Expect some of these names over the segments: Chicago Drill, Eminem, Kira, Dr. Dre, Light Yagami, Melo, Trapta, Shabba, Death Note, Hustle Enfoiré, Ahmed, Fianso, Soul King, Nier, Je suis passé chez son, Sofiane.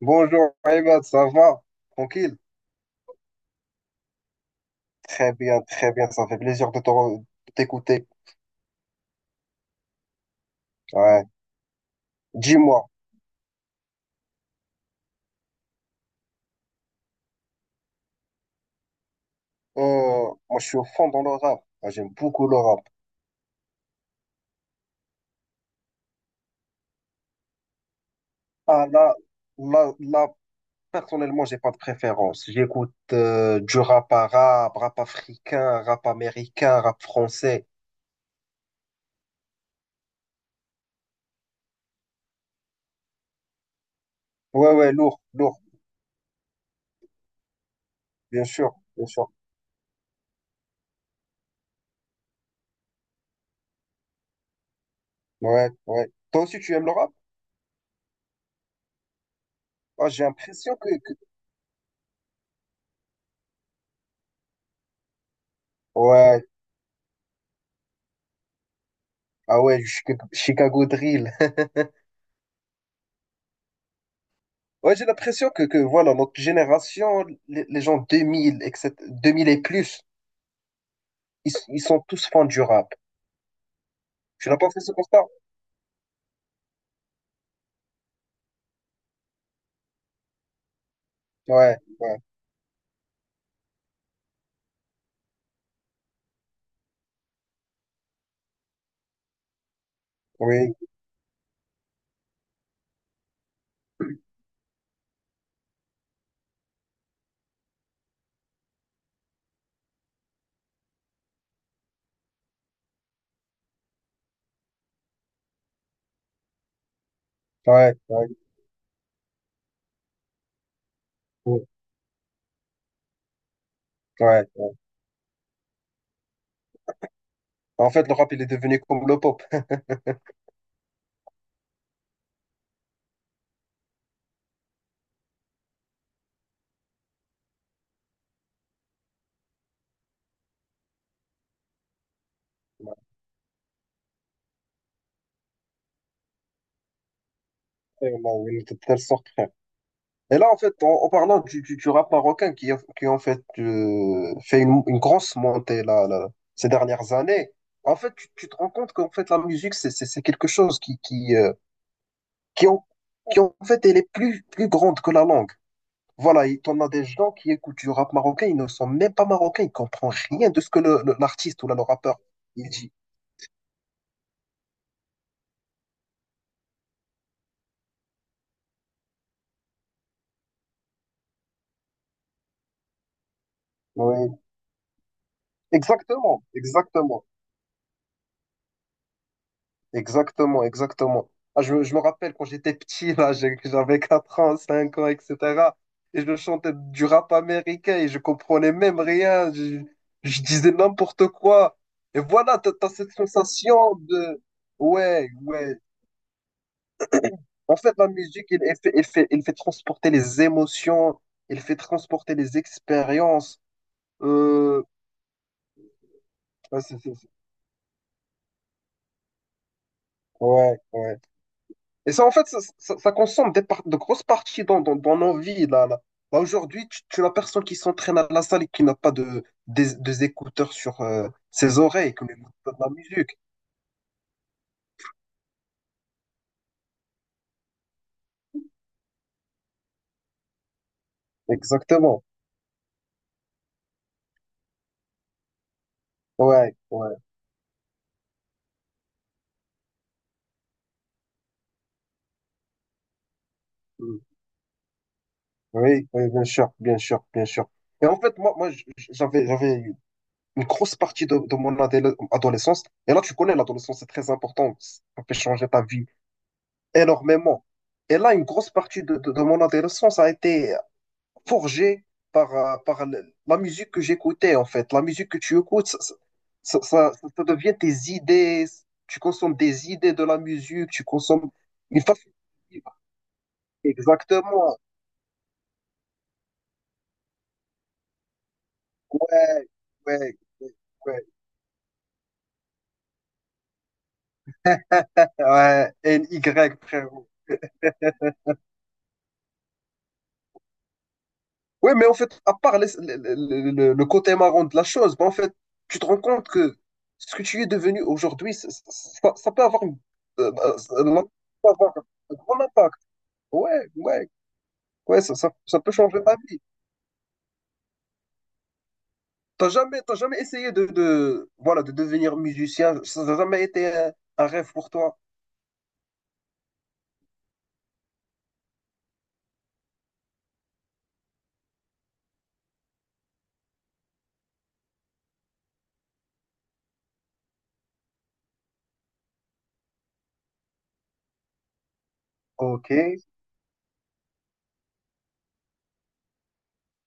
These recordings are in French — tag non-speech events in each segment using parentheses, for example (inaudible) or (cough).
Bonjour Ahmed, ça va? Tranquille? Très bien, ça fait plaisir de de t'écouter. Ouais. Dis-moi, euh, moi je suis au fond dans le rap. Moi, j'aime beaucoup le rap. Ah là, là, là, personnellement, j'ai pas de préférence. J'écoute du rap arabe, rap africain, rap américain, rap français. Ouais, ouais, lourd, lourd, bien sûr, bien sûr. Ouais, ouais. Toi aussi, tu aimes le rap? Ah, j'ai l'impression. Ouais, ah ouais, du Chicago Drill. (laughs) Ouais, j'ai l'impression que voilà, notre génération, les gens 2000, etc., 2000 et plus, ils sont tous fans du rap. Tu n'as pas fait ce constat? Ouais, ouais, oui, ouais, ouais, ouais, ouais. Ouais. En fait, le rap, il est devenu comme le pop. Vraiment, oui, de telle sorte, frère. Et là, en fait, en parlant du rap marocain qui en fait, fait une grosse montée là, là, ces dernières années, en fait, tu te rends compte qu'en fait, la musique, c'est quelque chose qui en, qui en fait elle est plus grande que la langue. Voilà, et t'en as des gens qui écoutent du rap marocain, ils ne sont même pas marocains, ils comprennent rien de ce que l'artiste ou là, le rappeur il dit. Oui, exactement, exactement, exactement, exactement. Ah, je me rappelle quand j'étais petit, là, j'avais 4 ans, 5 ans, etc. Et je chantais du rap américain et je comprenais même rien, je disais n'importe quoi. Et voilà, t'as cette sensation de... Ouais, ouais, en fait, la musique, il fait transporter les émotions, il fait transporter les expériences. Euh, ouais, c'est- c'est- c'est- ouais. Ouais. Et ça, en fait, ça consomme des de grosses parties dans nos vies. Là, là. Là, aujourd'hui, tu n'as personne qui s'entraîne à la salle et qui n'a pas des écouteurs sur ses oreilles, comme écoute de la musique. Exactement. Ouais, ouais. Mm. Oui, oui, bien sûr, bien sûr, bien sûr. Et en fait, moi j'avais une grosse partie de mon adolescence. Et là, tu connais, l'adolescence, c'est très important. Ça fait changer ta vie énormément. Et là, une grosse partie de mon adolescence a été forgée par la musique que j'écoutais, en fait. La musique que tu écoutes, ça devient tes idées. Tu consommes des idées de la musique, tu consommes une façon de vivre. Exactement. Ouais, ouais, ouais. (laughs) Ouais, N-Y, frère. Oui, mais en fait, à part le côté marrant de la chose, ben en fait, tu te rends compte que ce que tu es devenu aujourd'hui, ça peut avoir un grand impact. Ouais, ouais, ouais, ça peut changer ta vie. T'as jamais essayé voilà, de devenir musicien? Ça n'a jamais été un rêve pour toi? Ok.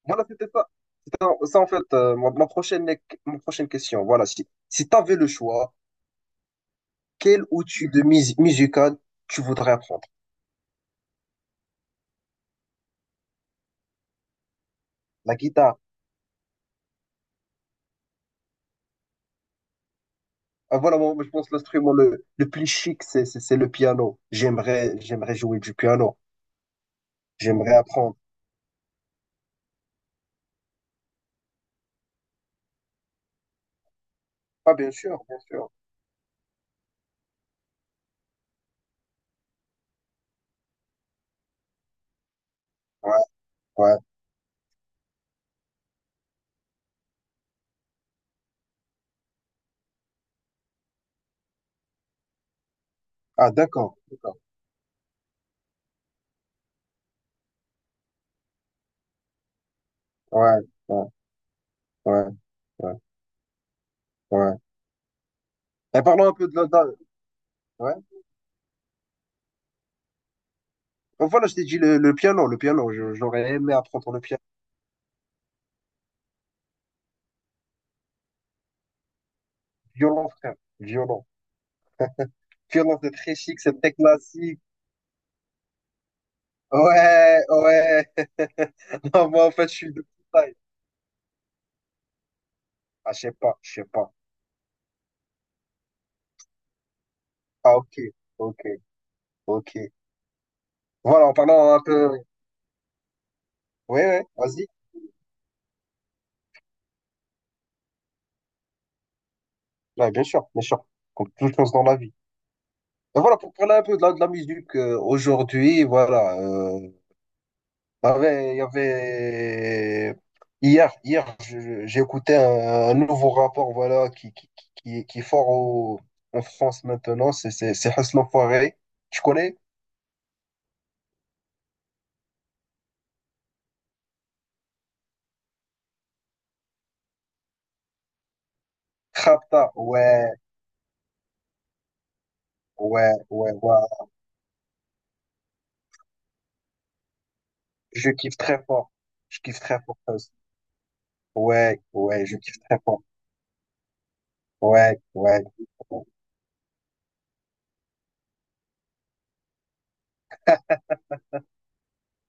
Voilà, c'était ça. C'était ça, en fait, ma prochaine question. Voilà, si tu avais le choix, quel outil de musical tu voudrais apprendre? La guitare. Ah, voilà, moi, je pense que l'instrument le plus chic, c'est le piano. J'aimerais jouer du piano. J'aimerais apprendre. Ah, bien sûr, bien sûr. Ouais, ouais. Ah, d'accord, d'accord. Ouais, ouais, ouais, ouais, ouais. Et parlons un peu de la. Ouais. Oh, voilà, je t'ai dit le piano, le piano. J'aurais aimé apprendre le piano. Violon, frère. Violon. Violon, c'est très chic, c'est très classique. Ouais, ouais. (laughs) Non, moi, en fait, je suis de toute taille. Ah, je sais pas, je sais pas. Ah, ok, ok, ok. Voilà, en parlant un peu. Ouais, ouais, vas-y. Ouais, bien sûr, bien sûr. Comme toute chose dans la vie. Et voilà, pour parler un peu de la musique, aujourd'hui, voilà. Il y avait, il y avait... Hier, j'ai écouté un nouveau rapport, voilà, qui est fort en France maintenant. C'est Hustle Enfoiré. Tu connais? Trapta. Ouais, ouais, ouais, ouais. Je kiffe très fort. Je kiffe très fort. Hus. Ouais, ouais, je kiffe très fort. Ouais, ouais. (laughs)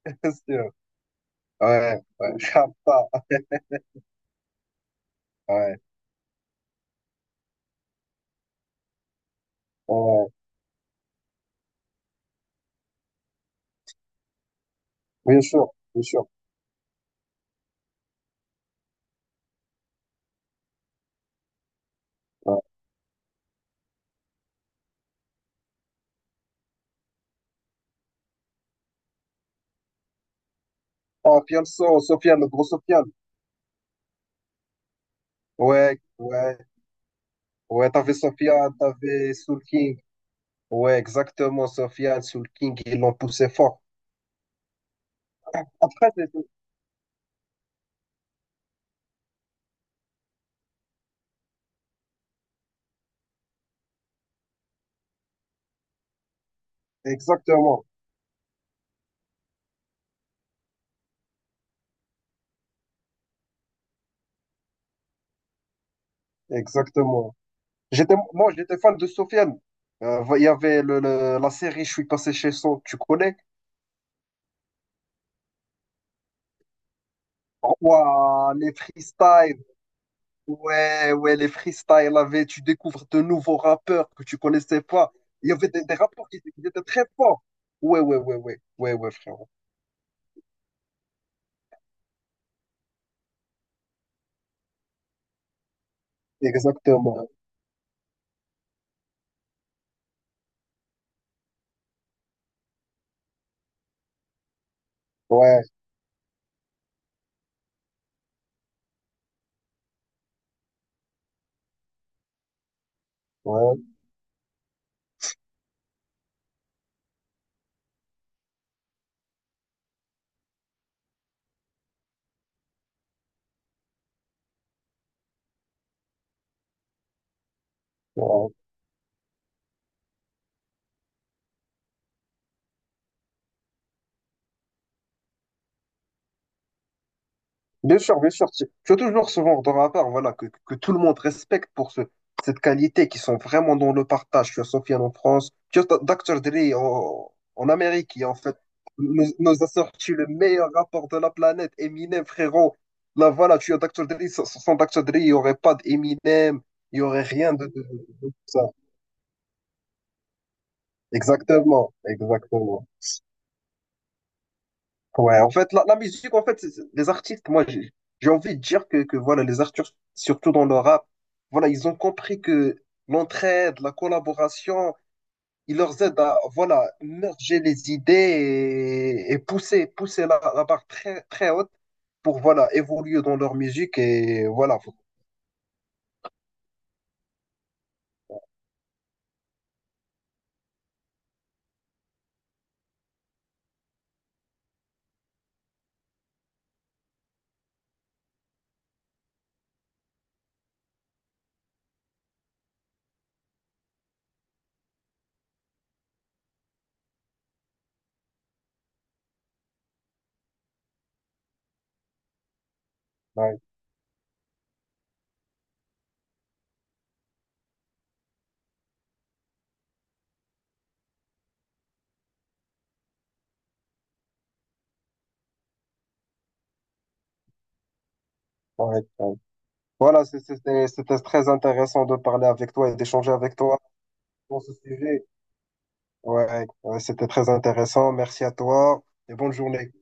C'est sûr. Ouais, ouais, (laughs) Shabba, ouais, ouais, bien sûr, bien sûr. Ouais. Oh, Fianso, Sofiane, le gros Sofiane. Ouais, ouais, ouais, t'avais Sofiane, t'avais Soul King. Ouais, exactement, Sofiane, Soul King, ils l'ont poussé fort. Après, exactement, exactement. J'étais, moi, j'étais fan de Sofiane. Il y avait la série Je suis passé chez son, tu connais? Ouah, les freestyles. Ouais, ouais, les freestyles avaient, tu découvres de nouveaux rappeurs que tu connaissais pas. Il y avait des rappeurs qui étaient très forts. Ouais, ouais, ouais, ouais, ouais, ouais, frérot. Exactement. Ouais, ouais, ouais. Bien sûr, bien sûr. Tu as toujours ce genre de rapport, voilà, que tout le monde respecte pour cette qualité, qui sont vraiment dans le partage. Tu as Sofiane en France, tu as Dr. Dre en Amérique, qui en fait nous a sorti le meilleur rapport de la planète, Eminem, frérot. Là, voilà, tu as Dr. Dre, sans Dr. Dre, il n'y aurait pas d'Eminem, il n'y aurait rien de tout ça. Exactement, exactement. Ouais, en fait, la musique, en fait, les artistes, moi, j'ai envie de dire que voilà, les artistes, surtout dans le rap, voilà, ils ont compris que l'entraide, la collaboration, ils leur aident à, voilà, merger les idées et pousser la barre très, très haute pour, voilà, évoluer dans leur musique et, voilà. Ouais, ouais, ouais. Voilà, c'était très intéressant de parler avec toi et d'échanger avec toi sur ce sujet. Ouais, ouais, c'était très intéressant. Merci à toi et bonne journée.